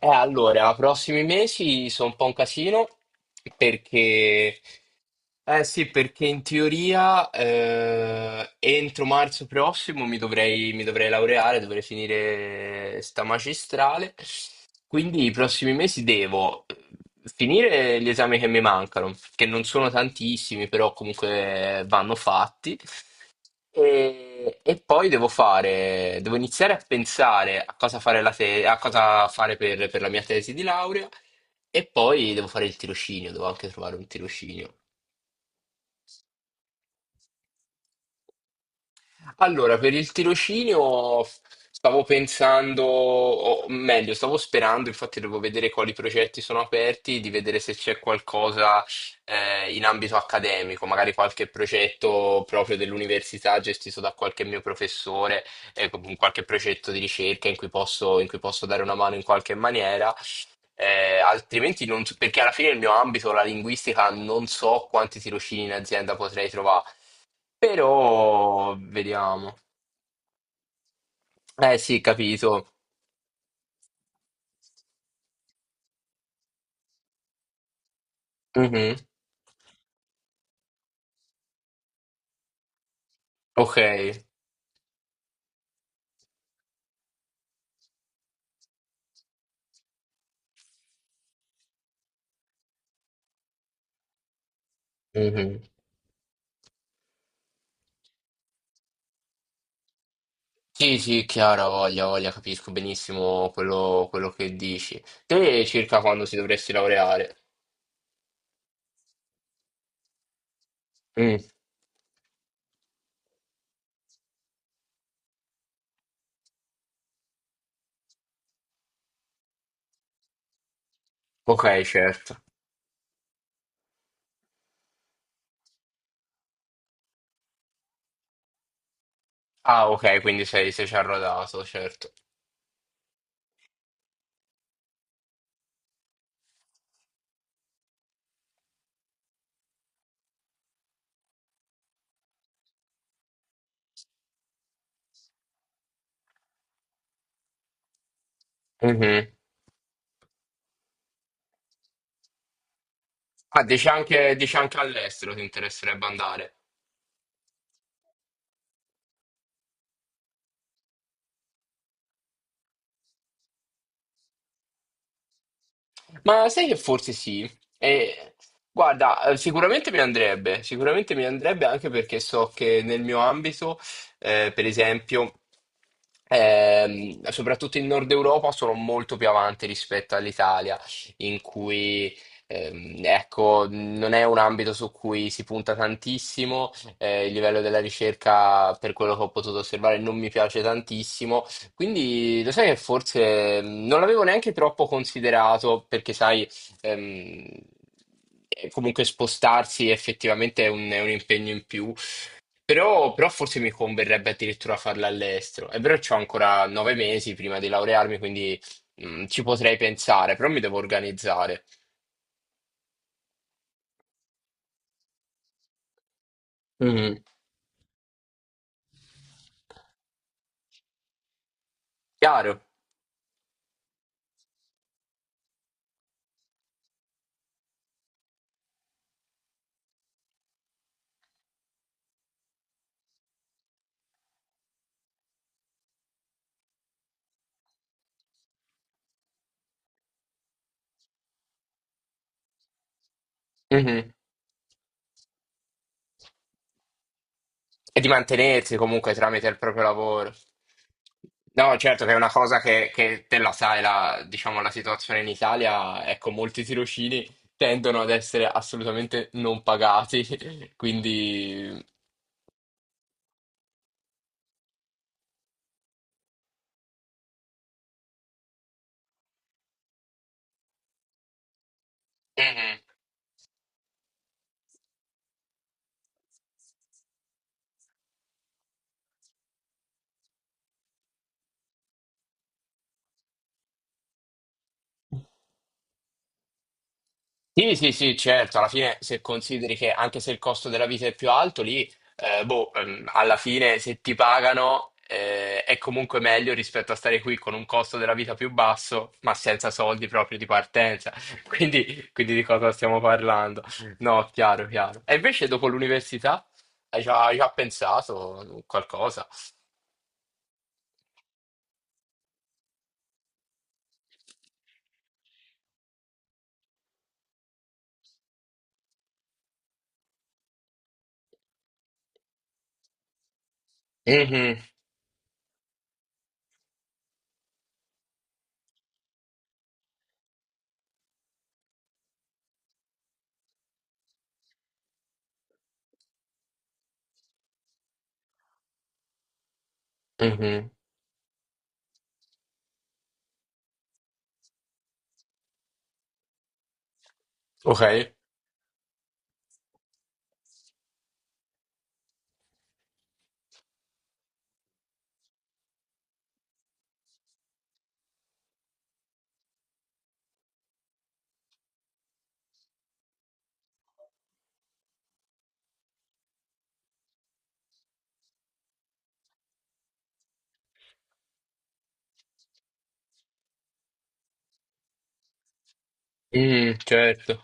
Allora, prossimi mesi sono un po' un casino perché, sì, perché in teoria entro marzo prossimo mi dovrei laureare, dovrei finire sta magistrale, quindi i prossimi mesi devo finire gli esami che mi mancano, che non sono tantissimi, però comunque vanno fatti. E poi devo iniziare a pensare a cosa fare, a cosa fare per la mia tesi di laurea e poi devo fare il tirocinio, devo anche trovare un tirocinio. Allora, per il tirocinio stavo pensando, o meglio, stavo sperando, infatti devo vedere quali progetti sono aperti, di vedere se c'è qualcosa in ambito accademico, magari qualche progetto proprio dell'università gestito da qualche mio professore, con qualche progetto di ricerca in cui posso dare una mano in qualche maniera. Altrimenti non so- perché alla fine nel mio ambito, la linguistica, non so quanti tirocini in azienda potrei trovare, però vediamo. Eh sì, capito. Mhm. Ok. Mhm. Sì, sì, chiaro, capisco benissimo quello che dici. Te circa quando si dovresti laureare? Mm. Ok, certo. Ah, ok, quindi sei già rodato, certo. Mhm. Ah, dici anche all'estero ti interesserebbe andare? Ma sai che forse sì? Eh, guarda, sicuramente mi andrebbe anche perché so che nel mio ambito, per esempio, soprattutto in Nord Europa sono molto più avanti rispetto all'Italia, in cui, ecco, non è un ambito su cui si punta tantissimo, il livello della ricerca, per quello che ho potuto osservare, non mi piace tantissimo, quindi lo sai che forse non l'avevo neanche troppo considerato perché sai, ehm, comunque spostarsi effettivamente è un impegno in più, però forse mi converrebbe addirittura farla all'estero. È vero che ho ancora 9 mesi prima di laurearmi, quindi ci potrei pensare, però mi devo organizzare. Mhm. Chiaro? Mhm. E di mantenersi comunque tramite il proprio lavoro. No, certo che è una cosa che te la sai, diciamo, la situazione in Italia, ecco, molti tirocini tendono ad essere assolutamente non pagati, quindi... Mhm. Sì, sì, sì, certo, alla fine se consideri che anche se il costo della vita è più alto, lì, alla fine se ti pagano, è comunque meglio rispetto a stare qui con un costo della vita più basso, ma senza soldi proprio di partenza. Quindi di cosa stiamo parlando? No, chiaro, chiaro. E invece dopo l'università hai già pensato qualcosa? Mhm, mhm. Ok. Mhm, certo.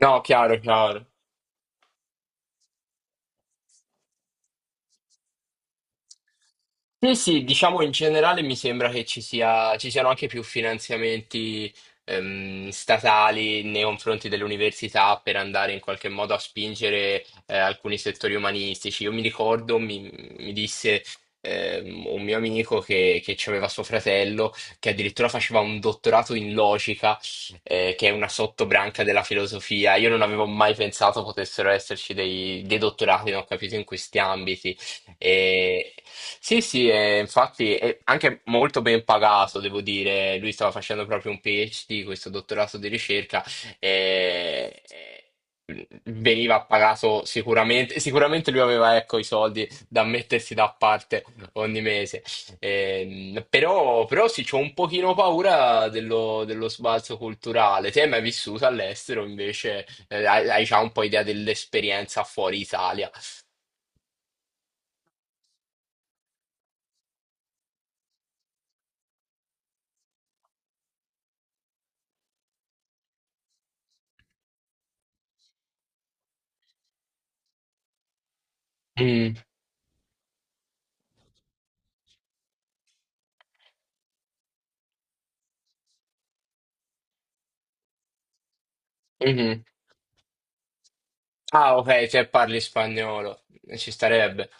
No, chiaro, chiaro. Sì, sì, diciamo in generale mi sembra ci siano anche più finanziamenti statali nei confronti delle università per andare in qualche modo a spingere alcuni settori umanistici. Io mi ricordo, mi disse un mio amico che aveva suo fratello, che addirittura faceva un dottorato in logica, che è una sottobranca della filosofia. Io non avevo mai pensato potessero esserci dei dottorati, non ho capito, in questi ambiti. E- Sì, sì, e infatti è anche molto ben pagato, devo dire. Lui stava facendo proprio un PhD, questo dottorato di ricerca, e e veniva pagato sicuramente. Sicuramente lui aveva, ecco, i soldi da mettersi da parte ogni mese. Però sì, c'ho un pochino paura dello sbalzo culturale. Te hai mai vissuto all'estero, invece? Hai, hai già un po' idea dell'esperienza fuori Italia? Mm, mhm. Ah, ok, te parli spagnolo, ci starebbe.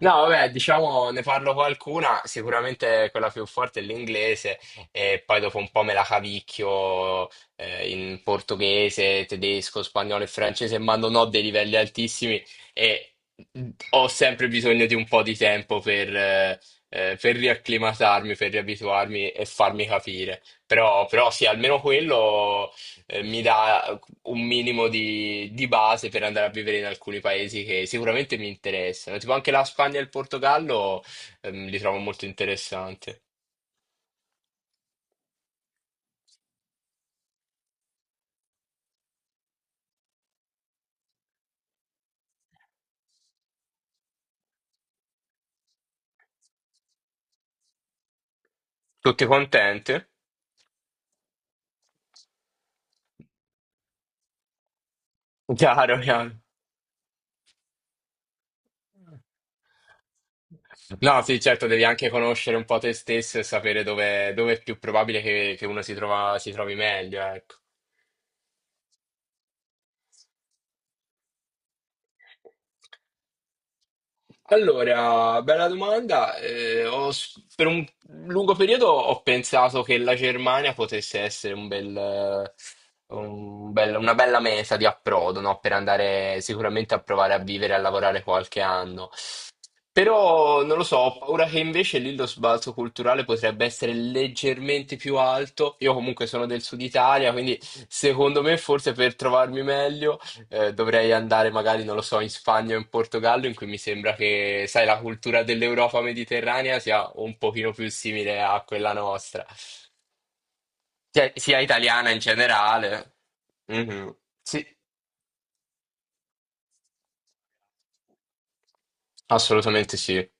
No, vabbè, diciamo, ne parlo qualcuna, sicuramente quella più forte è l'inglese e poi dopo un po' me la cavicchio in portoghese, tedesco, spagnolo e francese, ma non ho dei livelli altissimi e ho sempre bisogno di un po' di tempo per riacclimatarmi, per riabituarmi e farmi capire. Però sì, almeno quello mi dà un minimo di base per andare a vivere in alcuni paesi che sicuramente mi interessano. Tipo anche la Spagna e il Portogallo, li trovo molto interessanti. Tutti contenti? Chiaro, chiaro. No, sì, certo, devi anche conoscere un po' te stesso e sapere dove è più probabile che si trovi meglio, ecco. Allora, bella domanda. Per un lungo periodo ho pensato che la Germania potesse essere una bella meta di approdo, no? Per andare sicuramente a provare a vivere e a lavorare qualche anno. Però non lo so, ho paura che invece lì lo sbalzo culturale potrebbe essere leggermente più alto. Io comunque sono del sud Italia, quindi secondo me forse per trovarmi meglio dovrei andare magari, non lo so, in Spagna o in Portogallo, in cui mi sembra che, sai, la cultura dell'Europa mediterranea sia un pochino più simile a quella nostra, cioè sia italiana in generale. Mhm. Sì, assolutamente sì.